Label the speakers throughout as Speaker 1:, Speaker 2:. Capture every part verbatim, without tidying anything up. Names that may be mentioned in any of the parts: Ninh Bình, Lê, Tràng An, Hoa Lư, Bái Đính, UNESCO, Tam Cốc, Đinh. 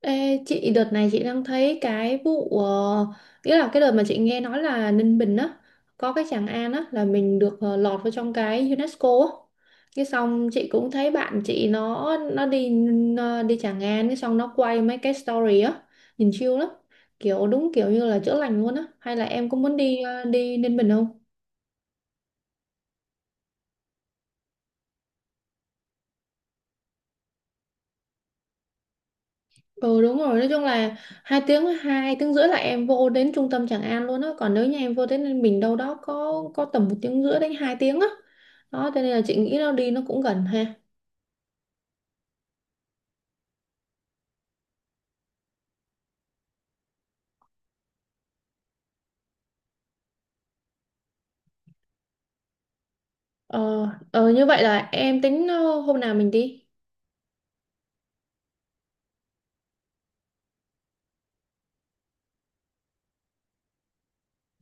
Speaker 1: Ê, chị đợt này chị đang thấy cái vụ, ờ, nghĩa là cái đợt mà chị nghe nói là Ninh Bình á, có cái Tràng An á là mình được ờ, lọt vào trong cái UNESCO á. Cái xong chị cũng thấy bạn chị nó nó đi, ờ, đi Tràng An. Cái xong nó quay mấy cái story á, nhìn chill lắm, kiểu đúng kiểu như là chữa lành luôn á. Hay là em cũng muốn đi ờ, đi Ninh Bình không? Ừ đúng rồi, nói chung là hai tiếng hai tiếng rưỡi là em vô đến trung tâm Tràng An luôn á, còn nếu như em vô đến Ninh Bình đâu đó có có tầm một tiếng rưỡi đến hai tiếng á. Đó, cho nên là chị nghĩ nó đi nó cũng gần ha. Ờ, ờ như vậy là em tính ờ, hôm nào mình đi?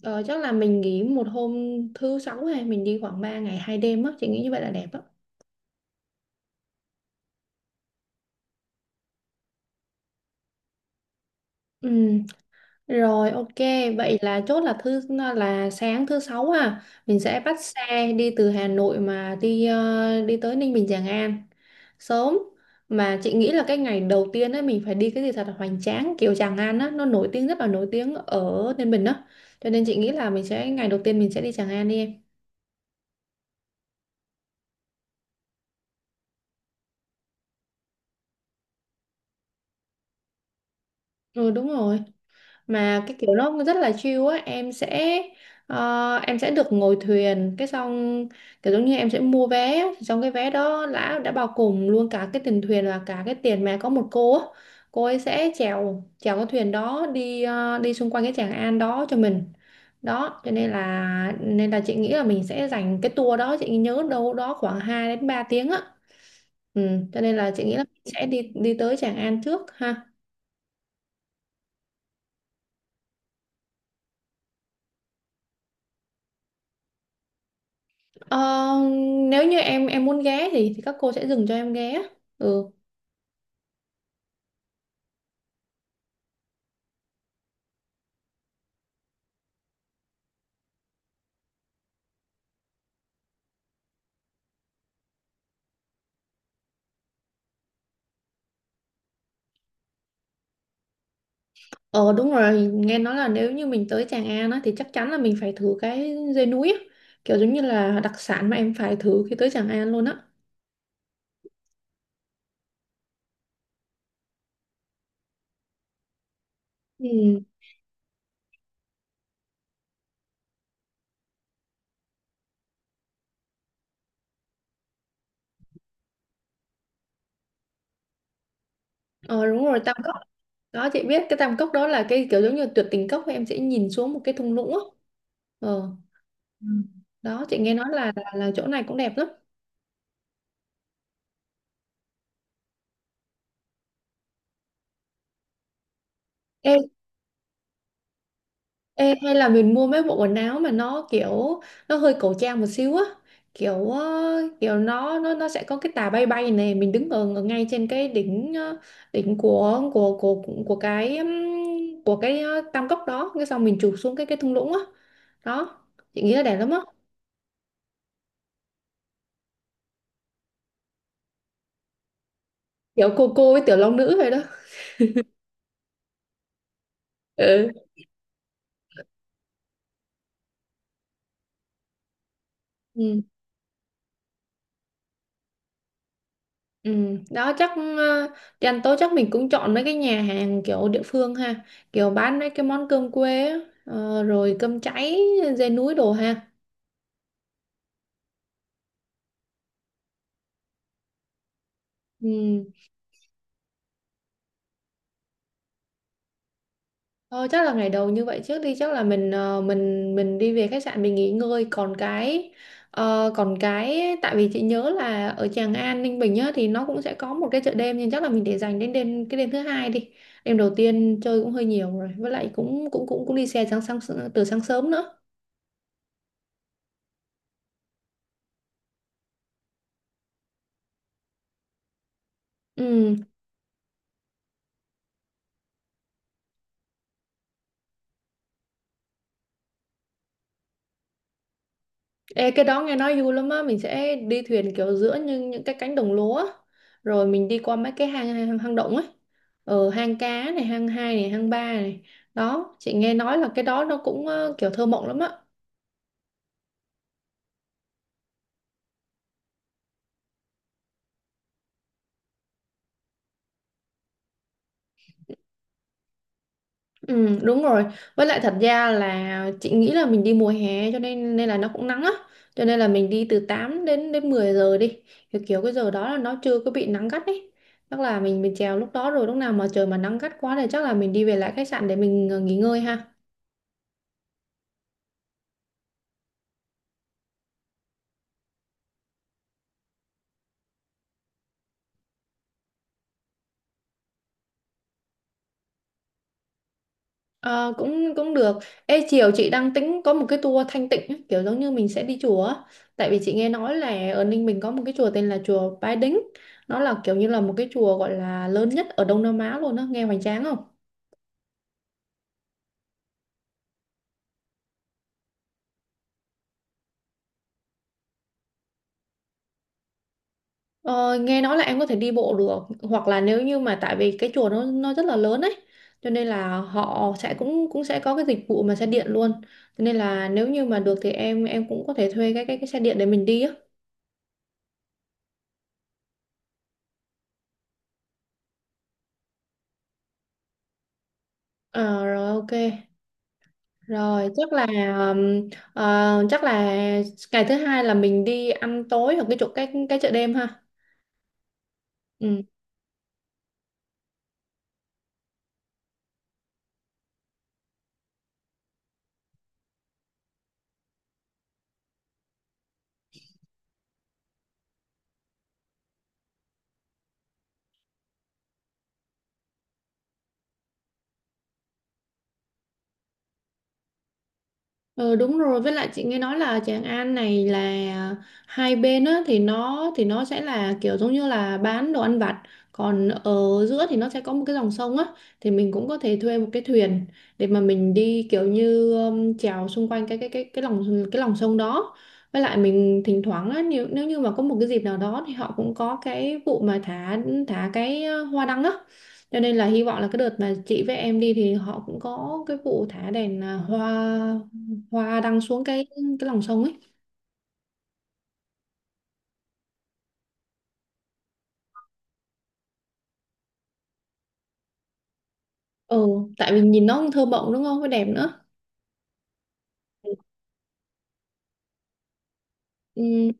Speaker 1: Ờ, chắc là mình nghỉ một hôm thứ sáu, hay mình đi khoảng ba ngày hai đêm á, chị nghĩ như vậy là đẹp á. Ừ, rồi ok, vậy là chốt là thứ là sáng thứ sáu ha, mình sẽ bắt xe đi từ Hà Nội mà đi ờ, đi tới Ninh Bình Tràng An sớm. Mà chị nghĩ là cái ngày đầu tiên ấy mình phải đi cái gì thật là hoành tráng, kiểu Tràng An á nó nổi tiếng, rất là nổi tiếng ở Ninh Bình đó, cho nên chị nghĩ là mình sẽ ngày đầu tiên mình sẽ đi Tràng An đi em. Ừ đúng rồi, mà cái kiểu nó rất là chill á. Em sẽ ờ, em sẽ được ngồi thuyền, cái xong kiểu giống như em sẽ mua vé, trong cái vé đó đã đã bao gồm luôn cả cái tiền thuyền và cả cái tiền mà có một cô á, cô ấy sẽ chèo chèo cái thuyền đó đi ờ, đi xung quanh cái Tràng An đó cho mình. Đó cho nên là nên là chị nghĩ là mình sẽ dành cái tour đó, chị nhớ đâu đó khoảng hai đến ba tiếng á. Ừ, cho nên là chị nghĩ là mình sẽ đi đi tới Tràng An trước ha. Ờ, nếu như em em muốn ghé thì thì các cô sẽ dừng cho em ghé. Ừ. Ờ đúng rồi, nghe nói là nếu như mình tới Tràng An á, thì chắc chắn là mình phải thử cái dê núi á. Kiểu giống như là đặc sản mà em phải thử khi tới Tràng An luôn á. Ừ. Ờ đúng rồi, Tam Cốc. Đó chị biết cái Tam Cốc đó là cái kiểu giống như tuyệt tình cốc, em sẽ nhìn xuống một cái thung lũng á. Ờ. Ừ. Đó chị nghe nói là, là là chỗ này cũng đẹp lắm. Ê, hay là mình mua mấy bộ quần áo mà nó kiểu nó hơi cổ trang một xíu á, kiểu ờ, kiểu nó nó nó sẽ có cái tà bay bay này, mình đứng ở, ở ngay trên cái đỉnh ờ, đỉnh của của của của cái ừm, của cái ờ, tam cốc đó, cái xong mình chụp xuống cái cái thung lũng á. Đó chị nghĩ là đẹp lắm á, kiểu cô cô với tiểu long nữ vậy đó. Ừ. Ừ. Ừ, đó chắc ờ, dành tối chắc mình cũng chọn mấy cái nhà hàng kiểu địa phương ha, kiểu bán mấy cái món cơm quê á, ờ, rồi cơm cháy dê núi đồ ha. Ừ. Thôi chắc là ngày đầu như vậy trước đi, chắc là mình ờ, mình mình đi về khách sạn mình nghỉ ngơi, còn cái ờ, còn cái tại vì chị nhớ là ở Tràng An Ninh Bình á thì nó cũng sẽ có một cái chợ đêm, nhưng chắc là mình để dành đến đêm cái đêm thứ hai đi. Đêm đầu tiên chơi cũng hơi nhiều rồi, với lại cũng cũng cũng cũng đi xe sáng sáng từ sáng sớm nữa. Ừ. Ê, cái đó nghe nói vui lắm á, mình sẽ đi thuyền kiểu giữa những những cái cánh đồng lúa á, rồi mình đi qua mấy cái hang hang, hang động ấy. Ờ, hang cá này, hang hai này, hang ba này. Đó chị nghe nói là cái đó nó cũng ờ, kiểu thơ mộng lắm á. Ừ đúng rồi, với lại thật ra là chị nghĩ là mình đi mùa hè cho nên nên là nó cũng nắng á, cho nên là mình đi từ tám đến đến mười giờ đi, kiểu, kiểu cái giờ đó là nó chưa có bị nắng gắt ấy. Chắc là mình mình chèo lúc đó, rồi lúc nào mà trời mà nắng gắt quá thì chắc là mình đi về lại khách sạn để mình ờ, nghỉ ngơi ha. Ờ, cũng cũng được. Ê, chiều chị đang tính có một cái tour Thanh Tịnh ấy, kiểu giống như mình sẽ đi chùa á. Tại vì chị nghe nói là ở Ninh Bình có một cái chùa tên là chùa Bái Đính. Nó là kiểu như là một cái chùa gọi là lớn nhất ở Đông Nam Á luôn á, nghe hoành tráng không? Ờ, nghe nói là em có thể đi bộ được, hoặc là nếu như mà tại vì cái chùa nó nó rất là lớn ấy, cho nên là họ sẽ cũng cũng sẽ có cái dịch vụ mà xe điện luôn, cho nên là nếu như mà được thì em em cũng có thể thuê cái cái cái xe điện để mình đi á. Ờ, rồi ok. Rồi chắc là um, ờ, chắc là ngày thứ hai là mình đi ăn tối ở cái chỗ cái cái chợ đêm ha. Ừ. Ừ, đúng rồi, với lại chị nghe nói là Tràng An này là à, hai bên á thì nó thì nó sẽ là kiểu giống như là bán đồ ăn vặt, còn ở giữa thì nó sẽ có một cái dòng sông á, thì mình cũng có thể thuê một cái thuyền để mà mình đi kiểu như um, chèo xung quanh cái cái cái cái lòng cái lòng sông đó. Với lại mình thỉnh thoảng á, nếu, nếu như mà có một cái dịp nào đó thì họ cũng có cái vụ mà thả thả cái uh, hoa đăng á, cho nên là hy vọng là cái đợt mà chị với em đi thì họ cũng có cái vụ thả đèn à, hoa hoa đăng xuống cái cái lòng sông ấy. Ừ, tại vì nhìn nó cũng thơ mộng đúng không, với đẹp nữa. Ừ.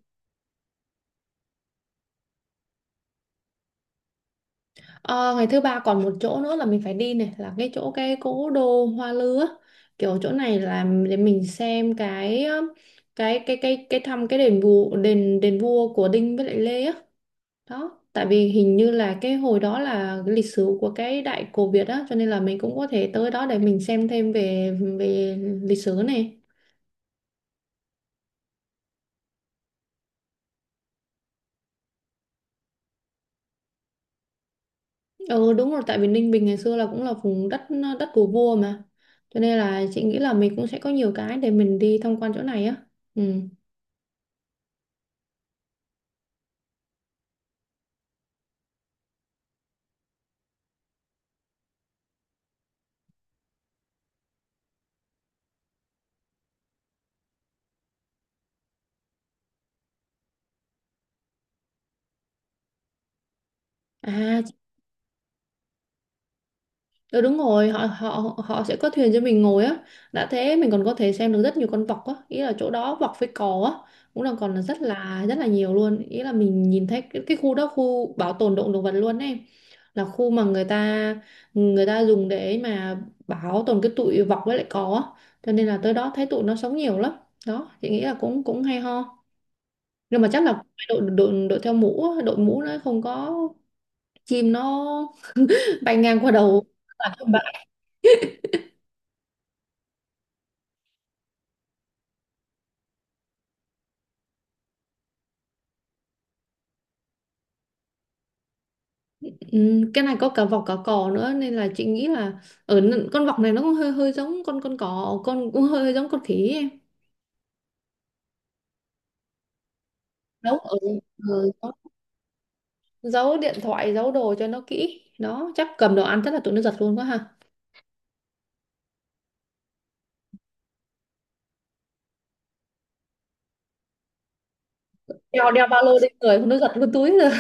Speaker 1: Ờ, ngày thứ ba còn một chỗ nữa là mình phải đi này, là cái chỗ cái cố đô Hoa Lư á, kiểu chỗ này là để mình xem cái cái cái cái cái thăm cái đền vua đền đền vua của Đinh với lại Lê á. Đó tại vì hình như là cái hồi đó là cái lịch sử của cái đại cổ Việt á, cho nên là mình cũng có thể tới đó để mình xem thêm về về lịch sử này. Ừ đúng rồi, tại vì Ninh Bình ngày xưa là cũng là vùng đất đất của vua mà, cho nên là chị nghĩ là mình cũng sẽ có nhiều cái để mình đi tham quan chỗ này á. Ừ. À. Ừ, đúng rồi, họ họ họ sẽ có thuyền cho mình ngồi á. Đã thế mình còn có thể xem được rất nhiều con vọc á, ý là chỗ đó vọc với cò á, cũng là còn là rất là rất là nhiều luôn, ý là mình nhìn thấy cái, cái khu đó khu bảo tồn động động vật luôn ấy, là khu mà người ta người ta dùng để mà bảo tồn cái tụi vọc với lại cò á, cho nên là tới đó thấy tụi nó sống nhiều lắm. Đó chị nghĩ là cũng cũng hay ho, nhưng mà chắc là phải đội đội đội theo mũ á, đội mũ nó không có chim nó bay ngang qua đầu. Ừ, cái này có cả vọc cả cò nữa nên là chị nghĩ là ở n- con vọc này nó cũng hơi hơi giống con con cò con cũng hơi, hơi giống con khỉ ấy em. Giấu ở Ừ, đó. Giấu điện thoại, giấu đồ cho nó kỹ đó, chắc cầm đồ ăn chắc là tụi nó giật luôn quá ha. Đeo Đeo ba lô lên người nó giật luôn túi rồi.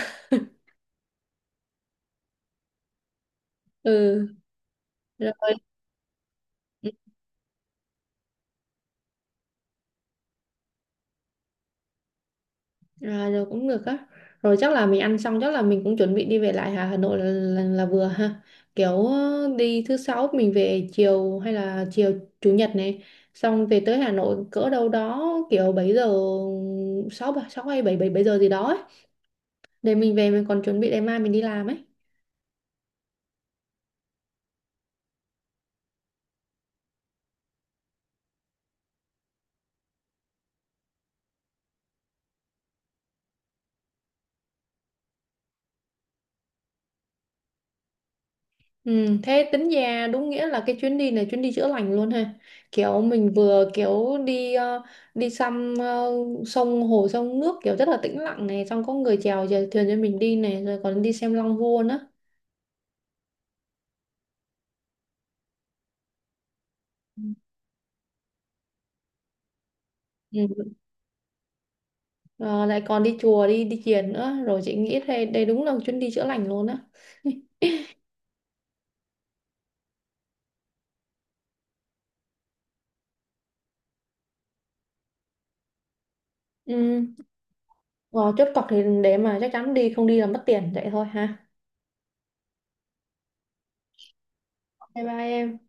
Speaker 1: Ừ. Rồi. À, rồi cũng được á. Rồi chắc là mình ăn xong chắc là mình cũng chuẩn bị đi về lại Hà Hà Nội là, là, là vừa ha. Kiểu ờ, đi thứ sáu mình về chiều hay là chiều chủ nhật này, xong về tới Hà Nội cỡ đâu đó kiểu bảy giờ sáu sáu hay bảy bảy bảy giờ gì đó ấy. Để mình về mình còn chuẩn bị ngày mai mình đi làm ấy. Ừ, thế tính ra đúng nghĩa là cái chuyến đi này chuyến đi chữa lành luôn ha, kiểu mình vừa kiểu đi ờ, đi xăm ờ, sông hồ sông nước kiểu rất là tĩnh lặng này, xong có người chèo chèo thuyền cho mình đi này, rồi còn đi xem Long Vua nữa. Ừ. Ừ, ờ, lại còn đi chùa đi đi thiền nữa rồi, chị nghĩ đây đây đúng là một chuyến đi chữa lành luôn á. Ừ. Ờ, chốt cọc thì để mà chắc chắn đi, không đi là mất tiền vậy thôi ha. Bye bye em.